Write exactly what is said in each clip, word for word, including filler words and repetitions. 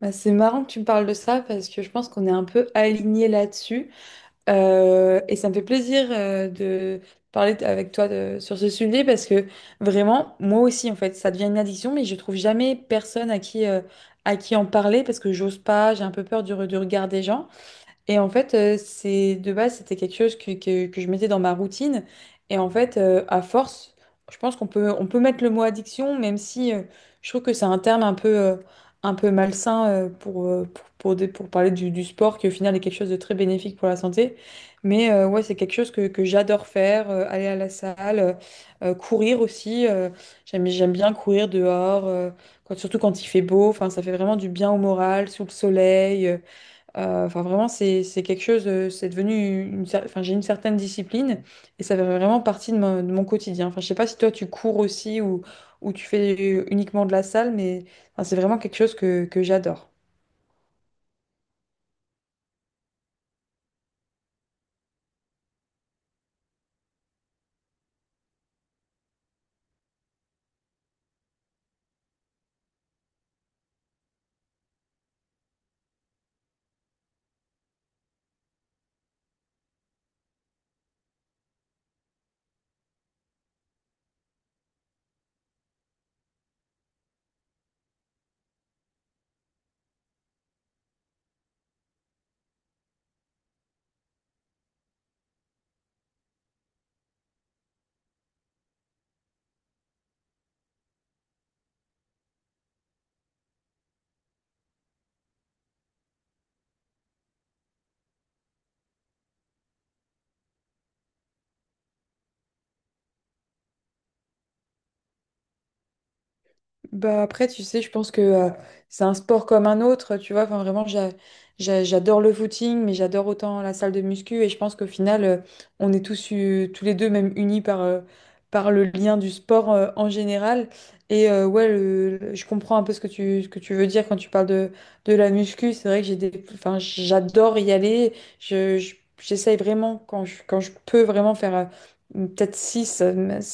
Bah, c'est marrant que tu me parles de ça parce que je pense qu'on est un peu alignés là-dessus. Euh, et ça me fait plaisir euh, de parler t- avec toi de- sur ce sujet parce que vraiment, moi aussi, en fait, ça devient une addiction, mais je trouve jamais personne à qui, euh, à qui en parler parce que j'ose pas, j'ai un peu peur du, re- du regard des gens. Et en fait, euh, c'est de base, c'était quelque chose que, que, que je mettais dans ma routine. Et en fait, euh, à force, je pense qu'on peut, on peut mettre le mot addiction, même si euh, je trouve que c'est un terme un peu, euh, un peu malsain euh, pour, euh, pour, pour, dé- pour parler du, du sport, qui au final est quelque chose de très bénéfique pour la santé. Mais euh, ouais, c'est quelque chose que, que j'adore faire, euh, aller à la salle, euh, euh, courir aussi. euh, j'aime, j'aime bien courir dehors, euh, quand- surtout quand il fait beau. Enfin, ça fait vraiment du bien au moral, sous le soleil. euh, euh, Enfin, vraiment, c'est c'est quelque chose, euh, c'est devenu une, cer- enfin, j'ai une certaine discipline et ça fait vraiment partie de mon, de mon quotidien. Enfin, je sais pas si toi tu cours aussi ou, ou tu fais uniquement de la salle, mais enfin, c'est vraiment quelque chose que, que j'adore. Bah après, tu sais, je pense que euh, c'est un sport comme un autre, tu vois. Enfin, vraiment, j'a- j'a- j'adore le footing, mais j'adore autant la salle de muscu. Et je pense qu'au final, euh, on est tous, euh, tous les deux même unis par, euh, par le lien du sport euh, en général. Et euh, ouais, le- le- je comprends un peu ce que tu, ce que tu veux dire quand tu parles de, de la muscu. C'est vrai que j'ai des, enfin, j'adore y aller. Je, je- j'essaye vraiment, quand je, quand je peux vraiment faire euh, peut-être six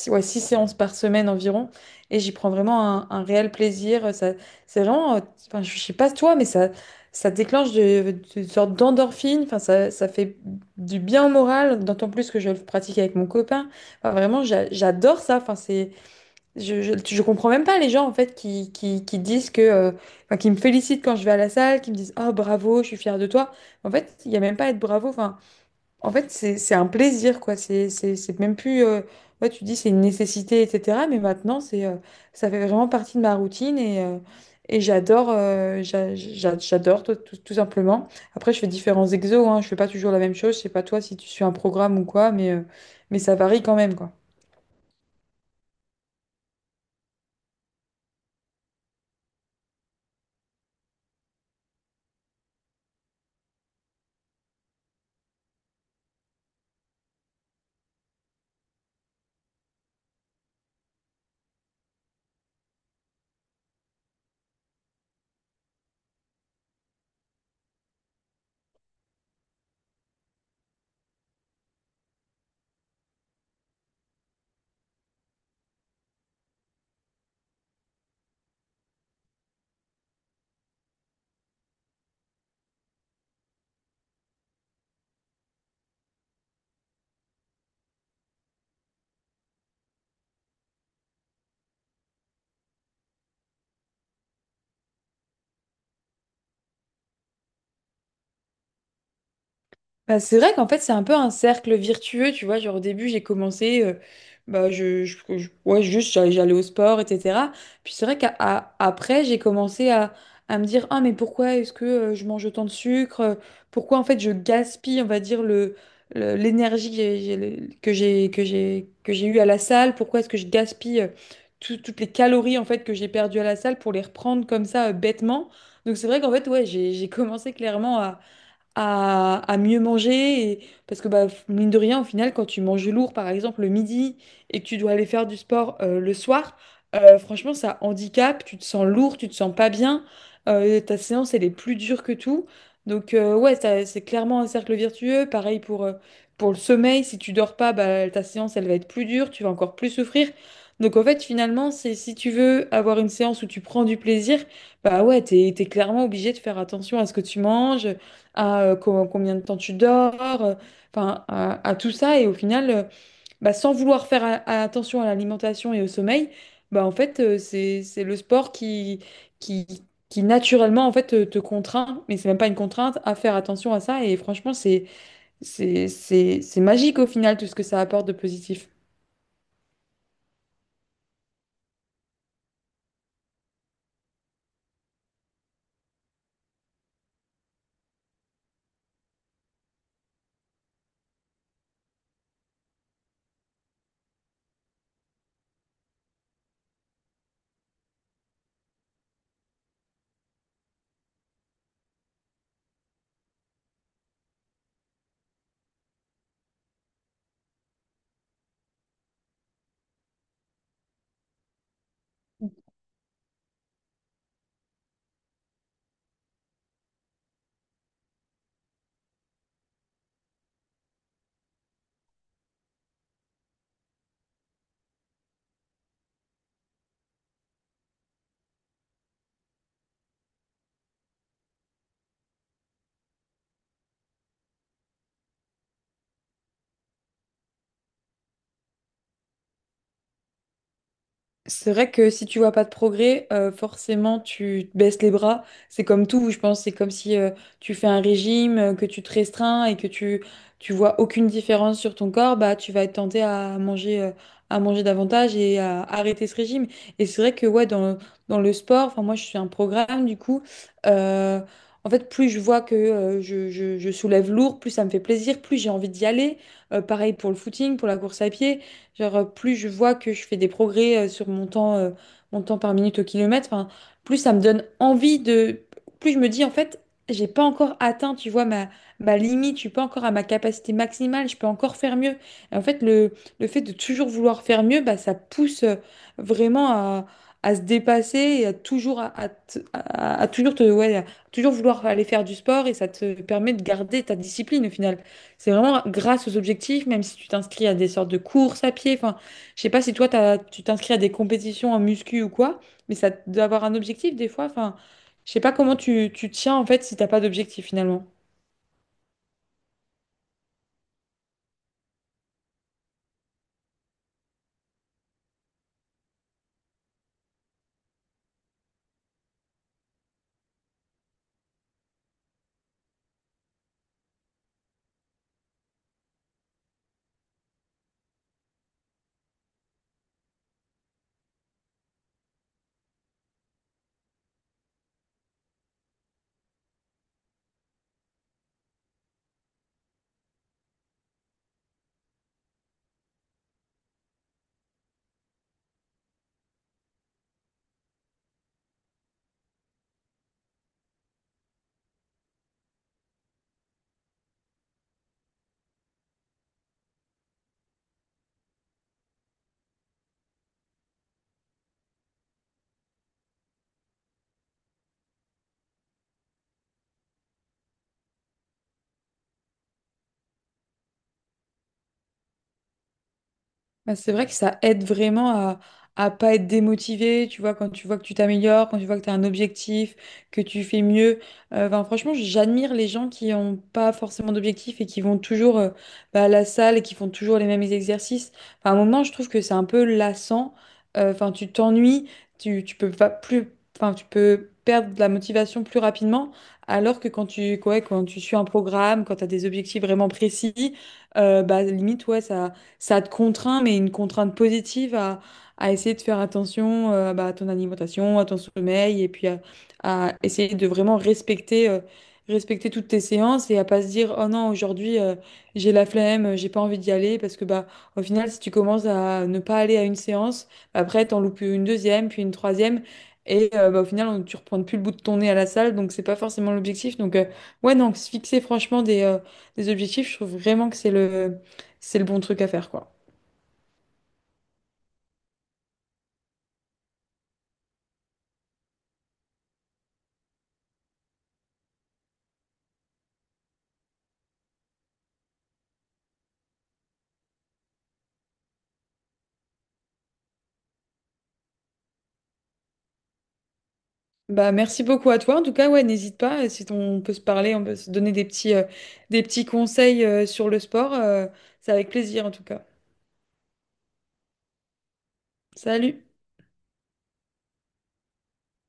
ouais, six séances par semaine environ. Et j'y prends vraiment un, un réel plaisir. Ça, c'est vraiment, euh, enfin, je sais pas toi, mais ça, ça déclenche de, de- une sorte d'endorphine. Enfin, ça, ça fait du bien au moral, d'autant plus que je le pratique avec mon copain. Enfin, vraiment, j'a- j'adore ça. Enfin, c'est, je, je, je comprends même pas les gens en fait qui, qui, qui disent que, euh, enfin, qui me félicitent quand je vais à la salle, qui me disent, oh bravo, je suis fière de toi. En fait, il y a même pas à être bravo. Enfin, en fait, c'est c'est un plaisir, quoi. C'est c'est- c'est même plus. euh, ouais, tu dis c'est une nécessité, et cétéra. Mais maintenant, c'est euh, ça fait vraiment partie de ma routine et, euh, et j'adore, euh, j'a- j'a- j'adore tout, tout- tout simplement. Après, je fais différents exos, hein. Je fais pas toujours la même chose. Je sais pas toi si tu suis un programme ou quoi, mais, euh, mais ça varie quand même, quoi. Bah, c'est vrai qu'en fait, c'est un peu un cercle virtueux, tu vois. Genre, au début, j'ai commencé, euh, bah, je, je- je- ouais, juste, j'a- j'allais au sport, et cétéra. Puis c'est vrai qu'après, j'ai commencé à, à me dire, ah, mais pourquoi est-ce que euh, je mange autant de sucre? Pourquoi, en fait, je gaspille, on va dire, le, le- l'énergie que j'ai, j'ai- le- que j'ai, que j'ai, que j'ai eue à la salle? Pourquoi est-ce que je gaspille euh, tout- toutes les calories, en fait, que j'ai perdues à la salle pour les reprendre comme ça, euh, bêtement? Donc, c'est vrai qu'en fait, ouais, j'ai, j'ai commencé clairement à, à mieux manger. Et- parce que, bah, mine de rien, au final, quand tu manges lourd, par exemple, le midi et que tu dois aller faire du sport euh, le soir, euh, franchement, ça handicape. Tu te sens lourd, tu te sens pas bien. Euh, ta séance, elle est plus dure que tout. Donc, euh, ouais, ça- c'est clairement un cercle vertueux. Pareil pour, euh, pour le sommeil. Si tu dors pas, bah, ta séance, elle va être plus dure. Tu vas encore plus souffrir. Donc, en fait, finalement, c'est si tu veux avoir une séance où tu prends du plaisir, bah ouais, t'es, t'es clairement obligé de faire attention à ce que tu manges à euh, co- combien de temps tu dors, euh, enfin à, à tout ça. Et au final, euh, bah, sans vouloir faire a- attention à l'alimentation et au sommeil, bah en fait euh, c'est c'est le sport qui qui qui naturellement en fait te, te contraint, mais c'est même pas une contrainte à faire attention à ça. Et franchement, c'est c'est c'est c'est magique au final tout ce que ça apporte de positif. C'est vrai que si tu vois pas de progrès, euh, forcément tu te baisses les bras. C'est comme tout, je pense. C'est comme si euh, tu fais un régime, euh, que tu te restreins et que tu tu vois aucune différence sur ton corps, bah tu vas être tenté à manger euh, à manger davantage et à arrêter ce régime. Et c'est vrai que ouais dans dans le sport, enfin moi je suis un programme du coup. euh, En fait, plus je vois que euh, je, je- je soulève lourd, plus ça me fait plaisir, plus j'ai envie d'y aller. Euh, pareil pour le footing, pour la course à pied. Genre, euh, plus je vois que je fais des progrès euh, sur mon temps, euh, mon temps par minute au kilomètre, enfin, plus ça me donne envie de... Plus je me dis, en fait, j'ai pas encore atteint, tu vois, ma, ma limite, je suis pas encore à ma capacité maximale, je peux encore faire mieux. Et en fait, le, le fait de toujours vouloir faire mieux, bah, ça pousse euh, vraiment à, à se dépasser et à toujours, à, à t- à- à toujours, te, ouais, à toujours vouloir aller faire du sport et ça te permet de garder ta discipline au final. C'est vraiment grâce aux objectifs, même si tu t'inscris à des sortes de courses à pied. Enfin, je sais pas si toi, t'as- tu t'inscris à des compétitions en muscu ou quoi, mais ça doit avoir un objectif des fois. Enfin, je sais pas comment tu, tu tiens en fait si t'as pas d'objectif finalement. Bah, c'est vrai que ça aide vraiment à, à pas être démotivé, tu vois, quand tu vois que tu t'améliores, quand tu vois que tu as un objectif, que tu fais mieux. Euh, Enfin, franchement, j'admire les gens qui n'ont pas forcément d'objectif et qui vont toujours euh, bah, à la salle et qui font toujours les mêmes exercices. Enfin, à un moment, je trouve que c'est un peu lassant. Euh, Enfin, tu t'ennuies, tu, tu peux pas plus, enfin, tu peux perdre de la motivation plus rapidement, alors que quand tu, ouais, quand tu suis un programme, quand tu as des objectifs vraiment précis, euh, bah, limite, ouais, ça ça te contraint, mais une contrainte positive à, à essayer de faire attention euh, bah, à ton alimentation, à ton sommeil, et puis à, à essayer de vraiment respecter, euh, respecter toutes tes séances et à pas se dire, oh non, aujourd'hui, euh, j'ai la flemme, j'ai pas envie d'y aller, parce que bah, au final, si tu commences à ne pas aller à une séance, bah, après, t'en loupes une deuxième, puis une troisième. Et euh, bah, au final, on, tu reprends plus le bout de ton nez à la salle, donc c'est pas forcément l'objectif. Donc, euh, ouais, non, se fixer franchement des, euh, des objectifs, je trouve vraiment que c'est le, c'est le bon truc à faire, quoi. Bah, merci beaucoup à toi. En tout cas, ouais, n'hésite pas. euh, Si on peut se parler, on peut se donner des petits, euh, des petits conseils, euh, sur le sport. Euh, c'est avec plaisir, en tout cas. Salut!